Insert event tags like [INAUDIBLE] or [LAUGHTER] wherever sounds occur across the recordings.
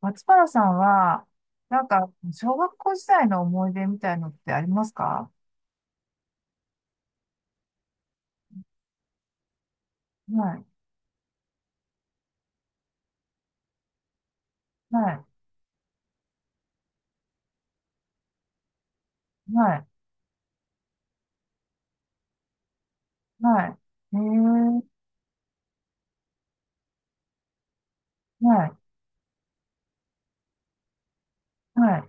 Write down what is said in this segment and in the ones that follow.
松原さんは、なんか、小学校時代の思い出みたいのってありますか？はい、はい、はい、はい。はい、は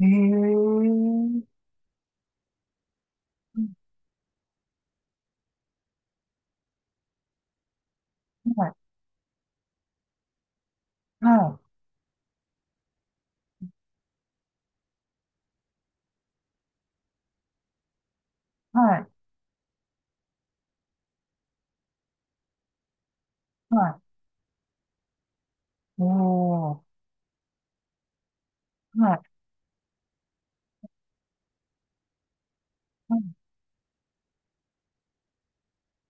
い。はい、はい、はい、はい。おー、はい。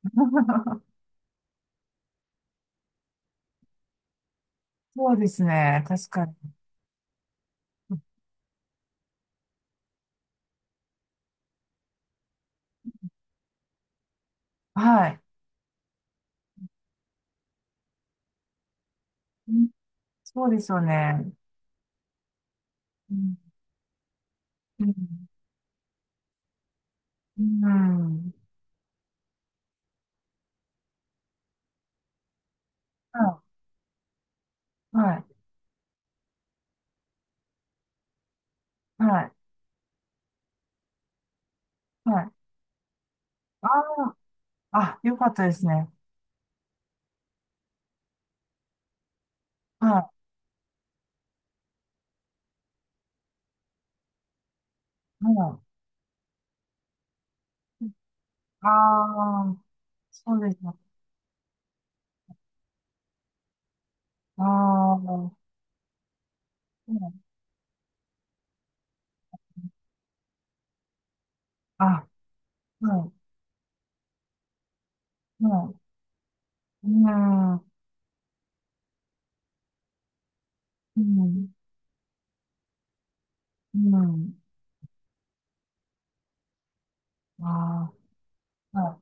[LAUGHS] そうですね、確かに。はい。うん。そうですよね。うん、うん、うん。はい、はい、はい、はい。ああ、あ、よかったですね。はい、はい。ああー、そうですね。ああ、うん、あ、うん、うん、うん、うん、うん、ああ、は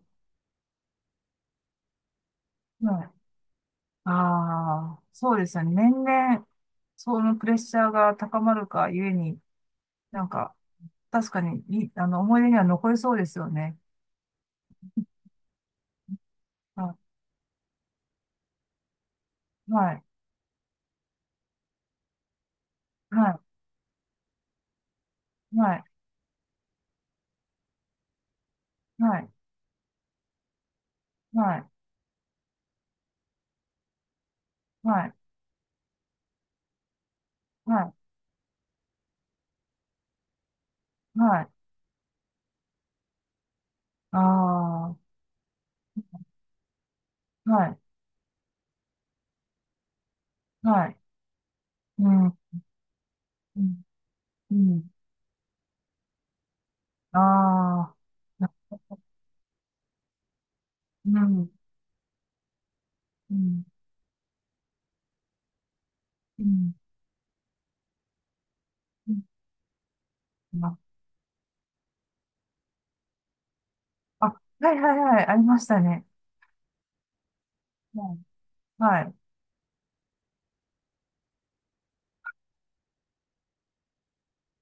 い、はい。ああ、そうですよね。年々、そのプレッシャーが高まるかゆえに、なんか、確かに、あの、思い出には残りそうですよね。はい、はい、はい、はい、はい、はい、はい、はい、はい、ああ、はい、はい、うん、うん、うん。ああ、なうん、うん、うん、うん。あ、あ、はいはいはい、ありましたね。はい。はい。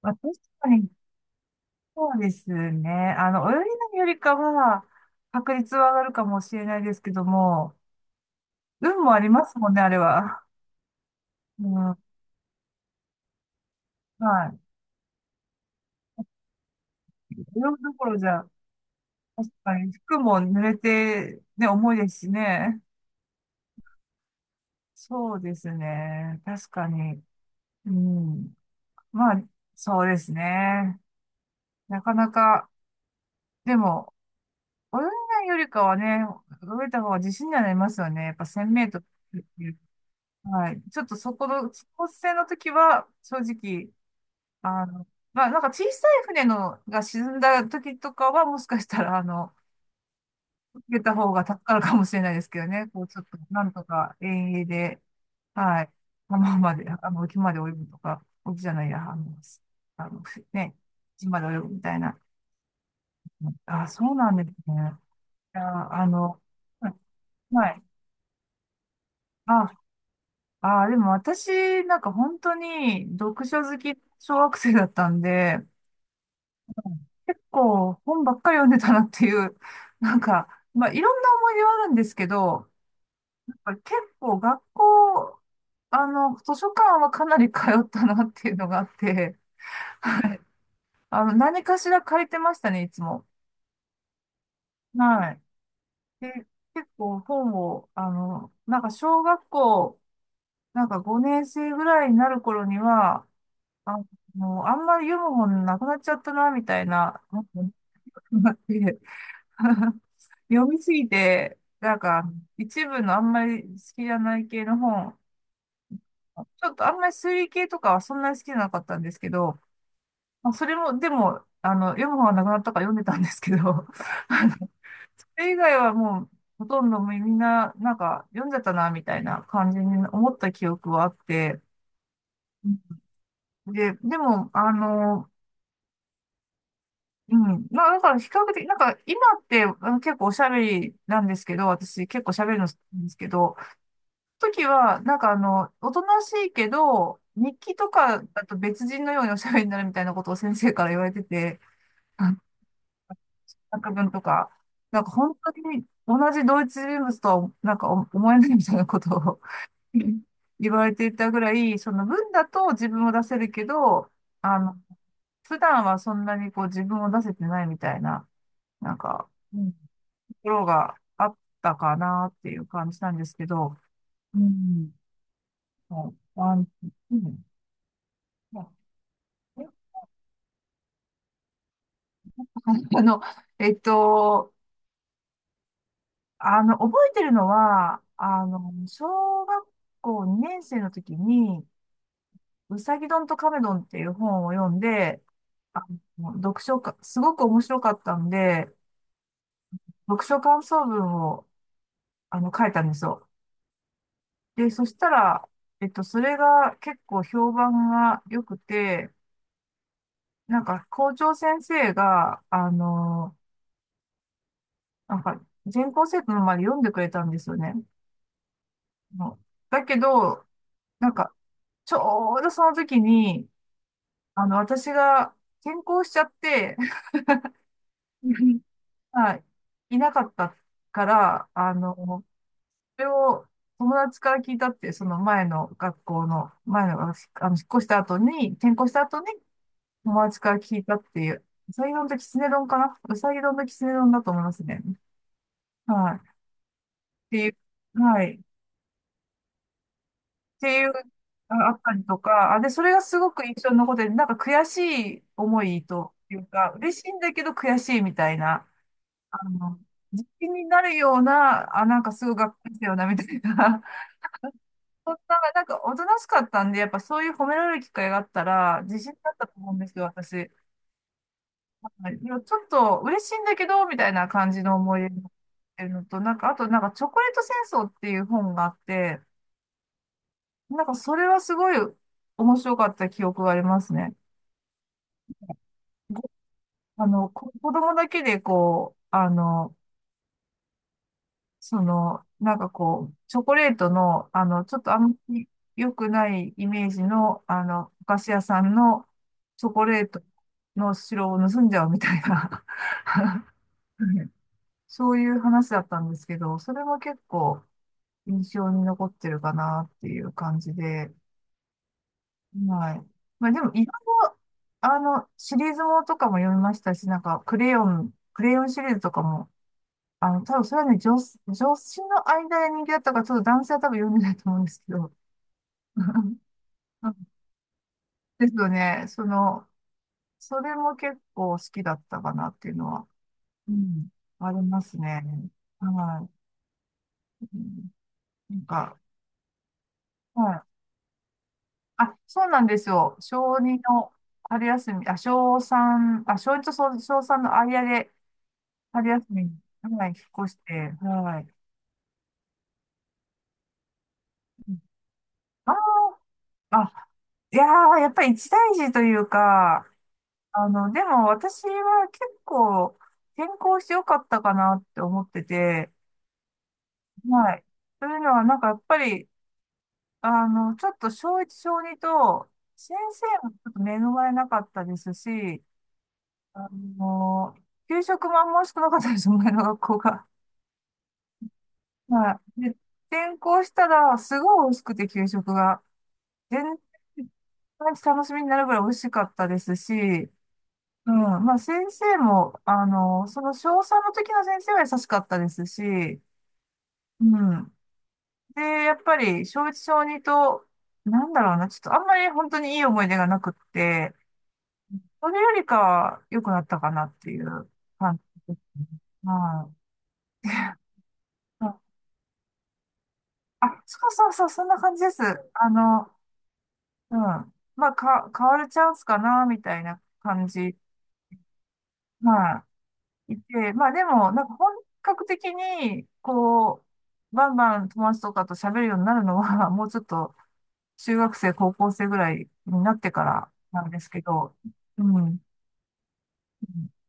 まあ、確かに、そうですね。あの、泳ぎのよりかは、確率は上がるかもしれないですけども、運もありますもんね、あれは。うん、はい。泳ぐどころじゃ、確かに、服も濡れて、ね、重いですしね。そうですね。確かに。うん。まあ、そうですね。なかなか、でも、泳げないよりかはね、泳いだ方が自信にはなりますよね。やっぱ1000メートル。はい。ちょっとそこの、スポーツ船の時は、正直、あの、まあ、なんか小さい船のが沈んだ時とかは、もしかしたら、あの、受けた方が助かるかもしれないですけどね。こう、ちょっと、なんとか遠泳で、はい。浜まで、あの、沖まで泳ぐとか、沖じゃないや、あの、あのね、島まで泳ぐみたいな。あ、そうなんですね。いや、あの、はい。あ、あー、でも私、なんか本当に読書好き、小学生だったんで、結構本ばっかり読んでたなっていう、[LAUGHS] なんか、まあいろんな思い出はあるんですけど、やっぱ結構学校、あの、図書館はかなり通ったなっていうのがあって、はい。あの、何かしら借りてましたね、いつも。はい。で、結構本を、あの、なんか小学校、なんか5年生ぐらいになる頃には、あ、もう、あんまり読む本なくなっちゃったな、みたいな。[LAUGHS] 読みすぎて、なんか、一部のあんまり好きじゃない系の本、ちょっとあんまり推理系とかはそんなに好きじゃなかったんですけど、まあ、それも、でも、あの、読む本はなくなったから読んでたんですけど、[LAUGHS] あの、それ以外はもう、ほとんどみんな、なんか、読んじゃったな、みたいな感じに思った記憶はあって、で、でも、あの、うん。まあ、だから比較的、なんか今ってあの結構おしゃべりなんですけど、私結構しゃべるの好きなんですけど、時はなんかあの、おとなしいけど、日記とかだと別人のようにおしゃべりになるみたいなことを先生から言われてて、あ作文とか、なんか本当に同一人物とはなんか思えないみたいなことを、 [LAUGHS] 言われていたぐらい、その文だと自分を出せるけど、あの、普段はそんなにこう自分を出せてないみたいな、なんか、うん、ころがあったかなっていう感じなんですけど、うん。もうワン、うん、まあ、え、 [LAUGHS] あの、えっと、あの、覚えてるのは、あの、小学校2年生の時に、うさぎどんとカメドンっていう本を読んで、あの、読書か、すごく面白かったんで、読書感想文を、あの、書いたんですよ。で、そしたら、それが結構評判が良くて、なんか校長先生が、あの、なんか全校生徒の前で読んでくれたんですよね。もうだけど、なんかちょうどその時に、あの、私が転校しちゃって、[LAUGHS] はい、いなかったから、あの、それを友達から聞いたって、その前の学校の、前の、あの、引っ越した後に、転校した後に友達から聞いたっていう、うさぎ丼ときつね丼かな、うさぎ丼ときつね丼だと思いますね。はい。ていう、はい。っていう、ああったりとか、あ、で、それがすごく印象に残ってて、なんか悔しい思いというか、嬉しいんだけど悔しいみたいな、あの、自信になるような、あ、なんかすごいがっかりしたよな、みたいな。[LAUGHS] そんな、なんかおとなしかったんで、やっぱそういう褒められる機会があったら、自信だったと思うんですよ、私。はい、でもちょっと嬉しいんだけど、みたいな感じの思い出になってるのと、なんか、あと、なんか、チョコレート戦争っていう本があって、なんかそれはすごい面白かった記憶がありますね。ご、あの、こ、子供だけでこう、あの、その、なんかこう、チョコレートの、あの、ちょっとあんまり良くないイメージの、あの、お菓子屋さんのチョコレートの白を盗んじゃうみたいな、 [LAUGHS] そういう話だったんですけど、それも結構印象に残ってるかなっていう感じで、はい。まあでも、いろいろ、あの、シリーズものとかも読みましたし、なんか、クレヨンシリーズとかも、あの、多分それはね、女子の間で人気だったから、ちょっと男性は多分読んでないと思うんですけど。[LAUGHS] ですよね。その、それも結構好きだったかなっていうのは、うん、ありますね。はい。うん、なんか、はい。あ、そうなんですよ。小2の春休み、あ、小三、あ、小一と小3の間で、春休みに、はい、引っ越して、はい。あ、ああ、いやー、やっぱり一大事というか、あの、でも私は結構転校してよかったかなって思ってて、はい。というのは、なんかやっぱり、あの、ちょっと小一小二と、先生もちょっと恵まれなかったですし、あの、給食もあんま美味しくなかったです、前の学校が。はい。で、転校したら、すごい美味しくて、給食が。全然毎日楽しみになるぐらい美味しかったですし、うん、まあ先生も、あの、その小三の時の先生は優しかったですし、うん。で、やっぱり小一小二と、なんだろうな、ちょっとあんまり本当にいい思い出がなくって、それよりかは良くなったかなっていう感じです。はい。うん、あ、そうそうそう、そんな感じです。あの、うん。まあ、か、変わるチャンスかな、みたいな感じ。はい、いて、まあでも、なんか本格的に、こう、バンバン友達とかと喋るようになるのは、もうちょっと中学生、高校生ぐらいになってからなんですけど、うん。うん、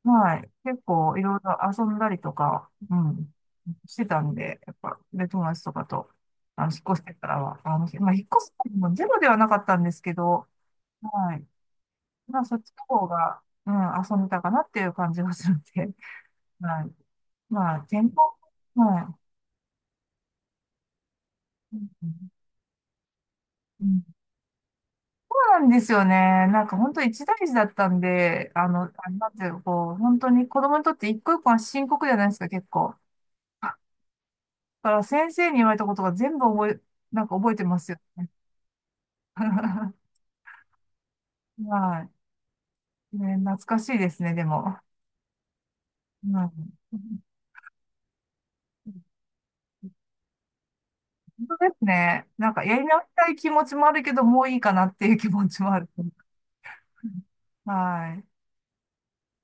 はい。結構いろいろ遊んだりとか、うん、してたんで、やっぱ、で、友達とかと、あの、引っ越してからは、あの、まあ、引っ越すのもゼロではなかったんですけど、はい。まあ、そっちの方が、うん、遊んでたかなっていう感じがするんで、はい。まあ、健康、はい。うん、うん、そうなんですよね。なんか本当一大事だったんで、あの、あれなんていうのこう、本当に子供にとって一個一個は深刻じゃないですか、結構。だから先生に言われたことが全部覚え、なんか覚えてますよね。[LAUGHS] はい。ね、懐かしいですね、でも。うん、本当ですね。なんかやり直したい気持ちもあるけど、もういいかなっていう気持ちもある。[LAUGHS] はい。